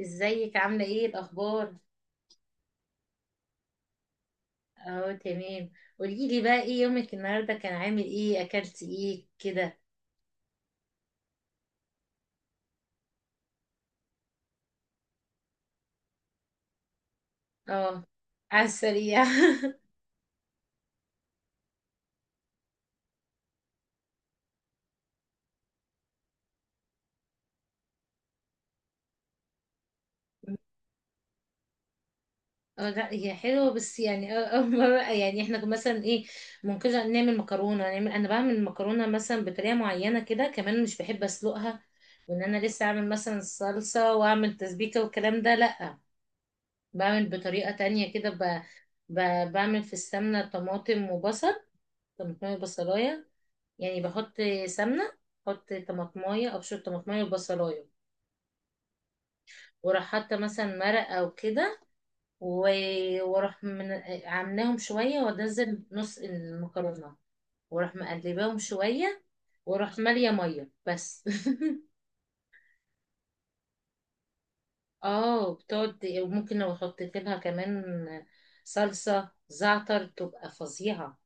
ازيك عاملة ايه الأخبار؟ اهو تمام. قوليلي بقى ايه يومك النهاردة، كان عامل ايه، أكلت ايه كده؟ اه، على السريع. اه لا هي حلوة، بس يعني أول مرة، يعني احنا كنا مثلا ايه، ممكن نعمل مكرونة. نعمل، انا بعمل مكرونة مثلا بطريقة معينة كده، كمان مش بحب اسلقها وان انا لسه اعمل مثلا الصلصة واعمل تسبيكة والكلام ده، لا بعمل بطريقة تانية كده. ب... بعمل في السمنة طماطم وبصل، طماطم وبصلاية. يعني بحط سمنة، بحط طماطماية، أبشر طماطماية وبصلاية، وراح حاطة مثلا مرق أو كده، واروح عاملاهم شوية، وانزل نص المكرونة، واروح مقلباهم شوية، واروح مالية مية بس. اه، بتقعد. وممكن لو حطيت لها كمان صلصة زعتر، تبقى فظيعة.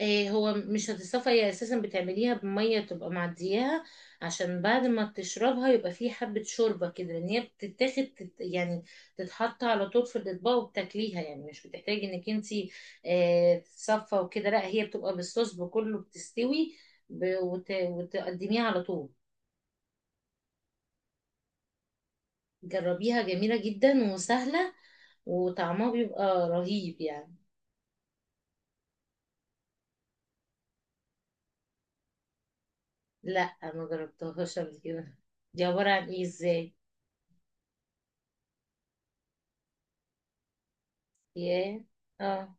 إيه، هو مش هتصفى، هي اساسا بتعمليها بميه تبقى معدياها، عشان بعد ما تشربها يبقى فيه حبه شوربه كده، لان هي بتتاخد يعني تتحط على طول في الاطباق وبتاكليها. يعني مش بتحتاجي انك انتي إيه، تصفى وكده، لا، هي بتبقى بالصوص بكله بتستوي، ب- وت وتقدميها على طول. جربيها، جميله جدا وسهله، وطعمها بيبقى رهيب يعني. لا ما جربتهاش قبل كده، دي عباره عن ايه؟ ازاي؟ ياه، اه،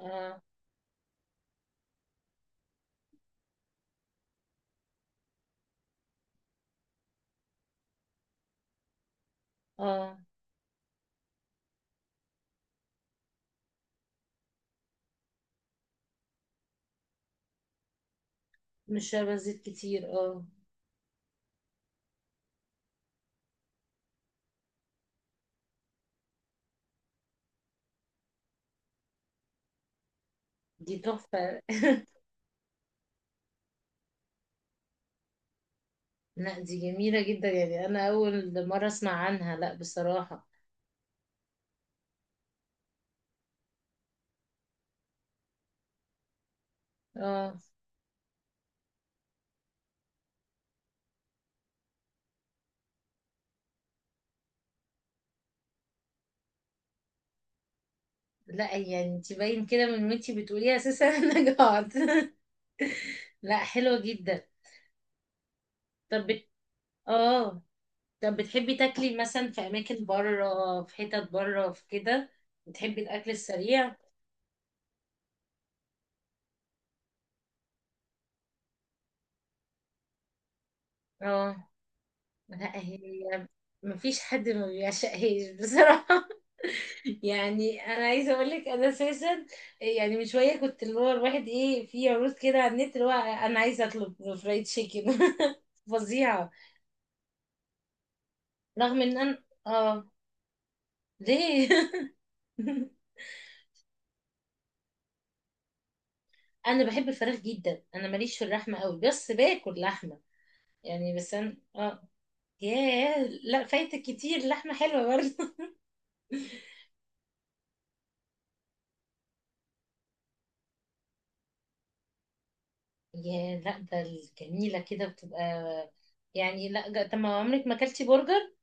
اه، اه، مش شاربة زيت كتير، اه. دي تحفة. لا دي جميلة جدا، يعني انا اول مرة اسمع عنها، لا بصراحة. اه، لا يعني انت باين كده من وانتي بتقولي اساسا. انا جعت. لا حلوة جدا. طب اه، طب بتحبي تاكلي مثلا في اماكن بره، في حتت بره في كده، بتحبي الاكل السريع؟ اه، لا هي، مفيش حد ما بيعشقهاش بصراحة. يعني انا عايزه اقول لك انا اساسا، يعني من شويه كنت اللي هو الواحد ايه، في عروض كده على النت، اللي هو انا عايزه اطلب فرايد تشيكن. فظيعه. رغم ان انا اه، ليه؟ انا بحب الفراخ جدا، انا ماليش في اللحمه قوي، بس باكل لحمه يعني. بس انا اه، ياه، لا فايتك كتير، لحمه حلوه برضه. ياه، لا ده الجميله كده بتبقى، يعني لا طب ما عمرك ما اكلتي برجر؟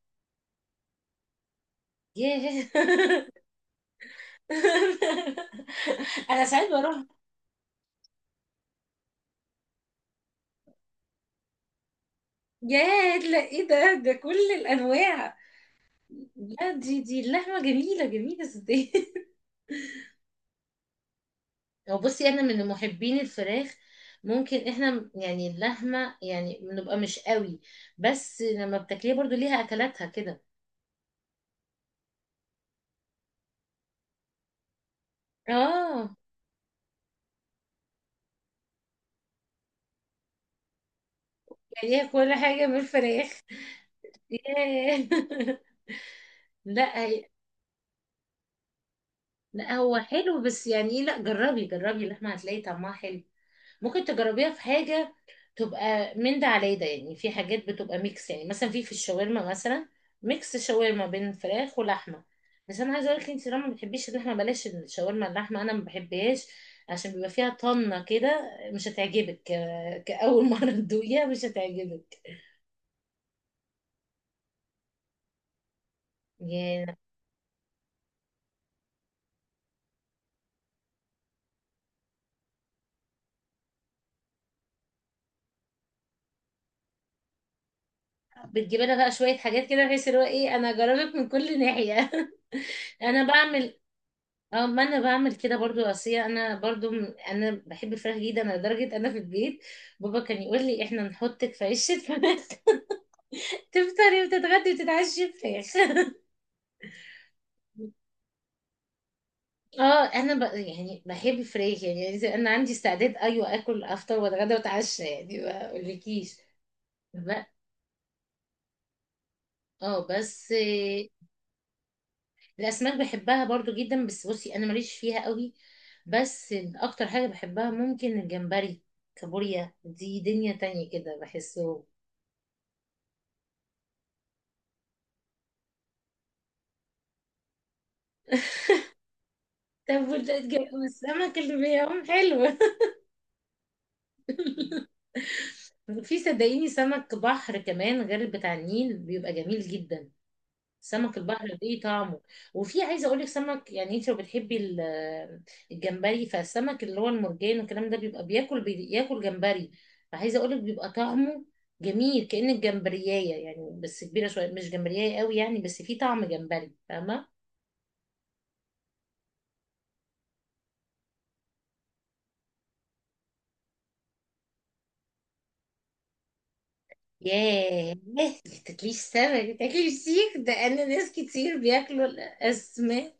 ياه. انا ساعات بروح. يا، لا ايه ده؟ ده كل الانواع. لا دي، دي اللحمه جميله، جميله ازاي. هو بصي انا من محبين الفراخ. ممكن احنا يعني اللحمه يعني بنبقى مش قوي، بس لما بتاكليها برضو ليها اكلاتها كده. اه يعني هي كل حاجه من الفراخ. ياه. لا لا هو حلو، بس يعني ايه، لا جربي، جربي اللحمه هتلاقي طعمها حلو. ممكن تجربيها في حاجة تبقى من ده على ده، يعني في حاجات بتبقى ميكس، يعني مثلا في الشاورما مثلا، ميكس شاورما بين فراخ ولحمة. بس انا عايزه اقول لك، انت لما ما بتحبيش اللحمه، بلاش الشاورما اللحمه، انا ما بحبهاش، عشان بيبقى فيها طنه كده مش هتعجبك، كاول مره تدوقيها مش هتعجبك يعني. بتجيب لها بقى شويه حاجات كده، بحيث اللي هو ايه، انا جربت من كل ناحيه. انا بعمل، اه ما انا بعمل كده برضو، اصية انا برضو انا بحب الفراخ جدا، انا لدرجة انا في البيت بابا كان يقول لي احنا نحطك في عيش الفراخ. تفطري وتتغدي وتتعشي فراخ. اه انا يعني بحب الفراخ، يعني يعني انا عندي استعداد ايوه اكل افطر واتغدى واتعشى، يعني ما اقولكيش بقى. اه بس الاسماك بحبها برضو جدا، بس بصي انا ماليش فيها قوي. بس اكتر حاجة بحبها ممكن الجمبري، كابوريا، دي دنيا تانية كده بحسه. طب السمك اللي بيعوم حلو. في، صدقيني، سمك بحر كمان غير بتاع النيل بيبقى جميل جدا، سمك البحر ليه طعمه. وفي عايزه اقول لك سمك، يعني انت لو بتحبي الجمبري، فالسمك اللي هو المرجان والكلام ده بيبقى بياكل، بياكل جمبري، فعايزه اقول لك بيبقى طعمه جميل، كأن الجمبريايه يعني بس كبيره شويه، مش جمبريايه قوي يعني، بس في طعم جمبري، فاهمه؟ ياه، ما تاكليش سمك، ما تاكليش سيخ، ده انا ناس كتير بياكلوا الاسماك.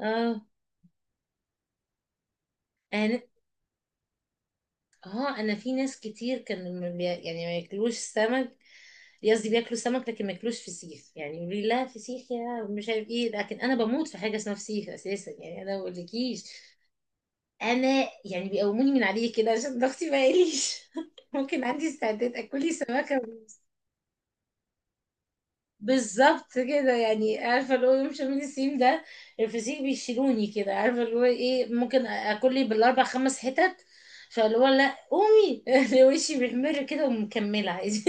اه، انا اه، انا في ناس كتير كانوا ما بي- يعني ما ياكلوش سمك، قصدي بياكلوا سمك لكن ما ياكلوش فسيخ، يعني يقولوا لي لا فسيخ، يا مش عارف ايه، لكن انا بموت في حاجه اسمها فسيخ اساسا، يعني انا ما بقولكيش. انا يعني بيقوموني من عليه كده عشان ضغطي ما يقليش. ممكن عندي استعداد اكل لي سمكه. بالظبط كده، يعني عارفه اللي هو يوم شم النسيم ده، الفسيخ بيشيلوني كده، عارفه اللي هو ايه، ممكن اكل لي بالاربع خمس حتت، فاللي هو لا قومي. وشي بيحمر كده ومكمله عادي.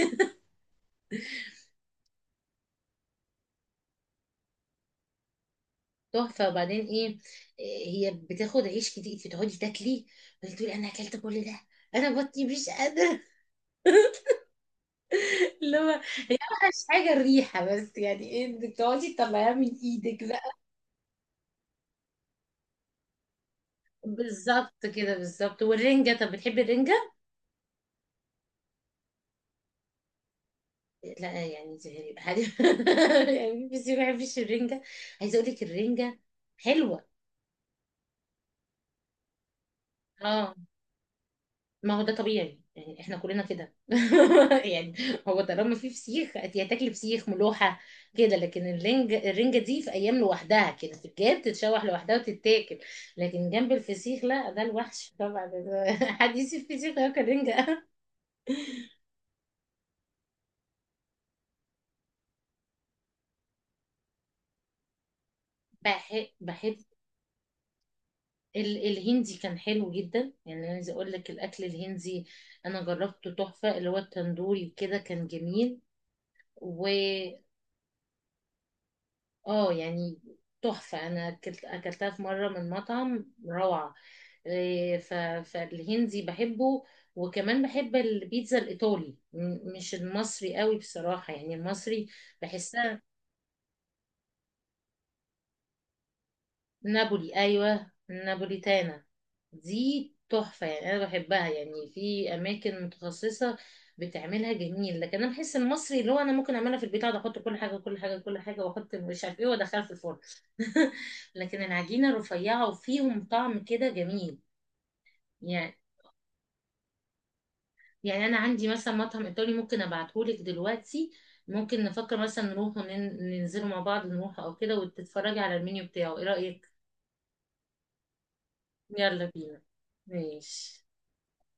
تحفه. وبعدين ايه، هي بتاخد عيش كتير، فتقعدي تاكلي، بتقولي انا اكلت كل ده، انا بطني مش قادره. اللي هو، هي اوحش حاجه الريحه، بس يعني ايه، انك تقعدي تطلعيها من ايدك بقى. بالظبط كده، بالظبط. والرنجه، طب بتحبي الرنجه؟ لا يعني زهري حد يعني، بس ما بيحبش الرنجة. عايزة اقول لك الرنجة حلوة. اه ما هو ده طبيعي، يعني احنا كلنا كده. يعني هو طالما في فسيخ هتاكلي فسيخ ملوحة كده. لكن الرنجة، الرنجة دي في ايام لوحدها كده، في الجاب تتشوح لوحدها وتتاكل، لكن جنب الفسيخ لا، ده الوحش طبعا، ده حديث الفسيخ ياكل رنجة. بحب الهندي، كان حلو جدا، يعني عايزه اقول لك الاكل الهندي انا جربته تحفه، اللي هو التندوري كده كان جميل. و اه يعني تحفه، انا اكلت، اكلتها في مره من مطعم روعه. إيه، فالهندي بحبه. وكمان بحب البيتزا الايطالي، مش المصري قوي بصراحه، يعني المصري بحسها، نابولي، ايوه النابوليتانا، دي تحفه، يعني انا بحبها، يعني في اماكن متخصصه بتعملها جميل، لكن انا بحس المصري اللي هو انا ممكن اعملها في البيت، اقعد احط كل حاجه كل حاجه كل حاجه واحط مش عارف ايه وادخلها في الفرن. لكن العجينه رفيعه وفيهم طعم كده جميل يعني. يعني انا عندي مثلا مطعم ايطالي ممكن ابعتهولك دلوقتي، ممكن نفكر مثلا نروح وننزلوا مع بعض نروح او كده، وتتفرجي على المنيو بتاعه، ايه رايك؟ يلا بينا، ماشي.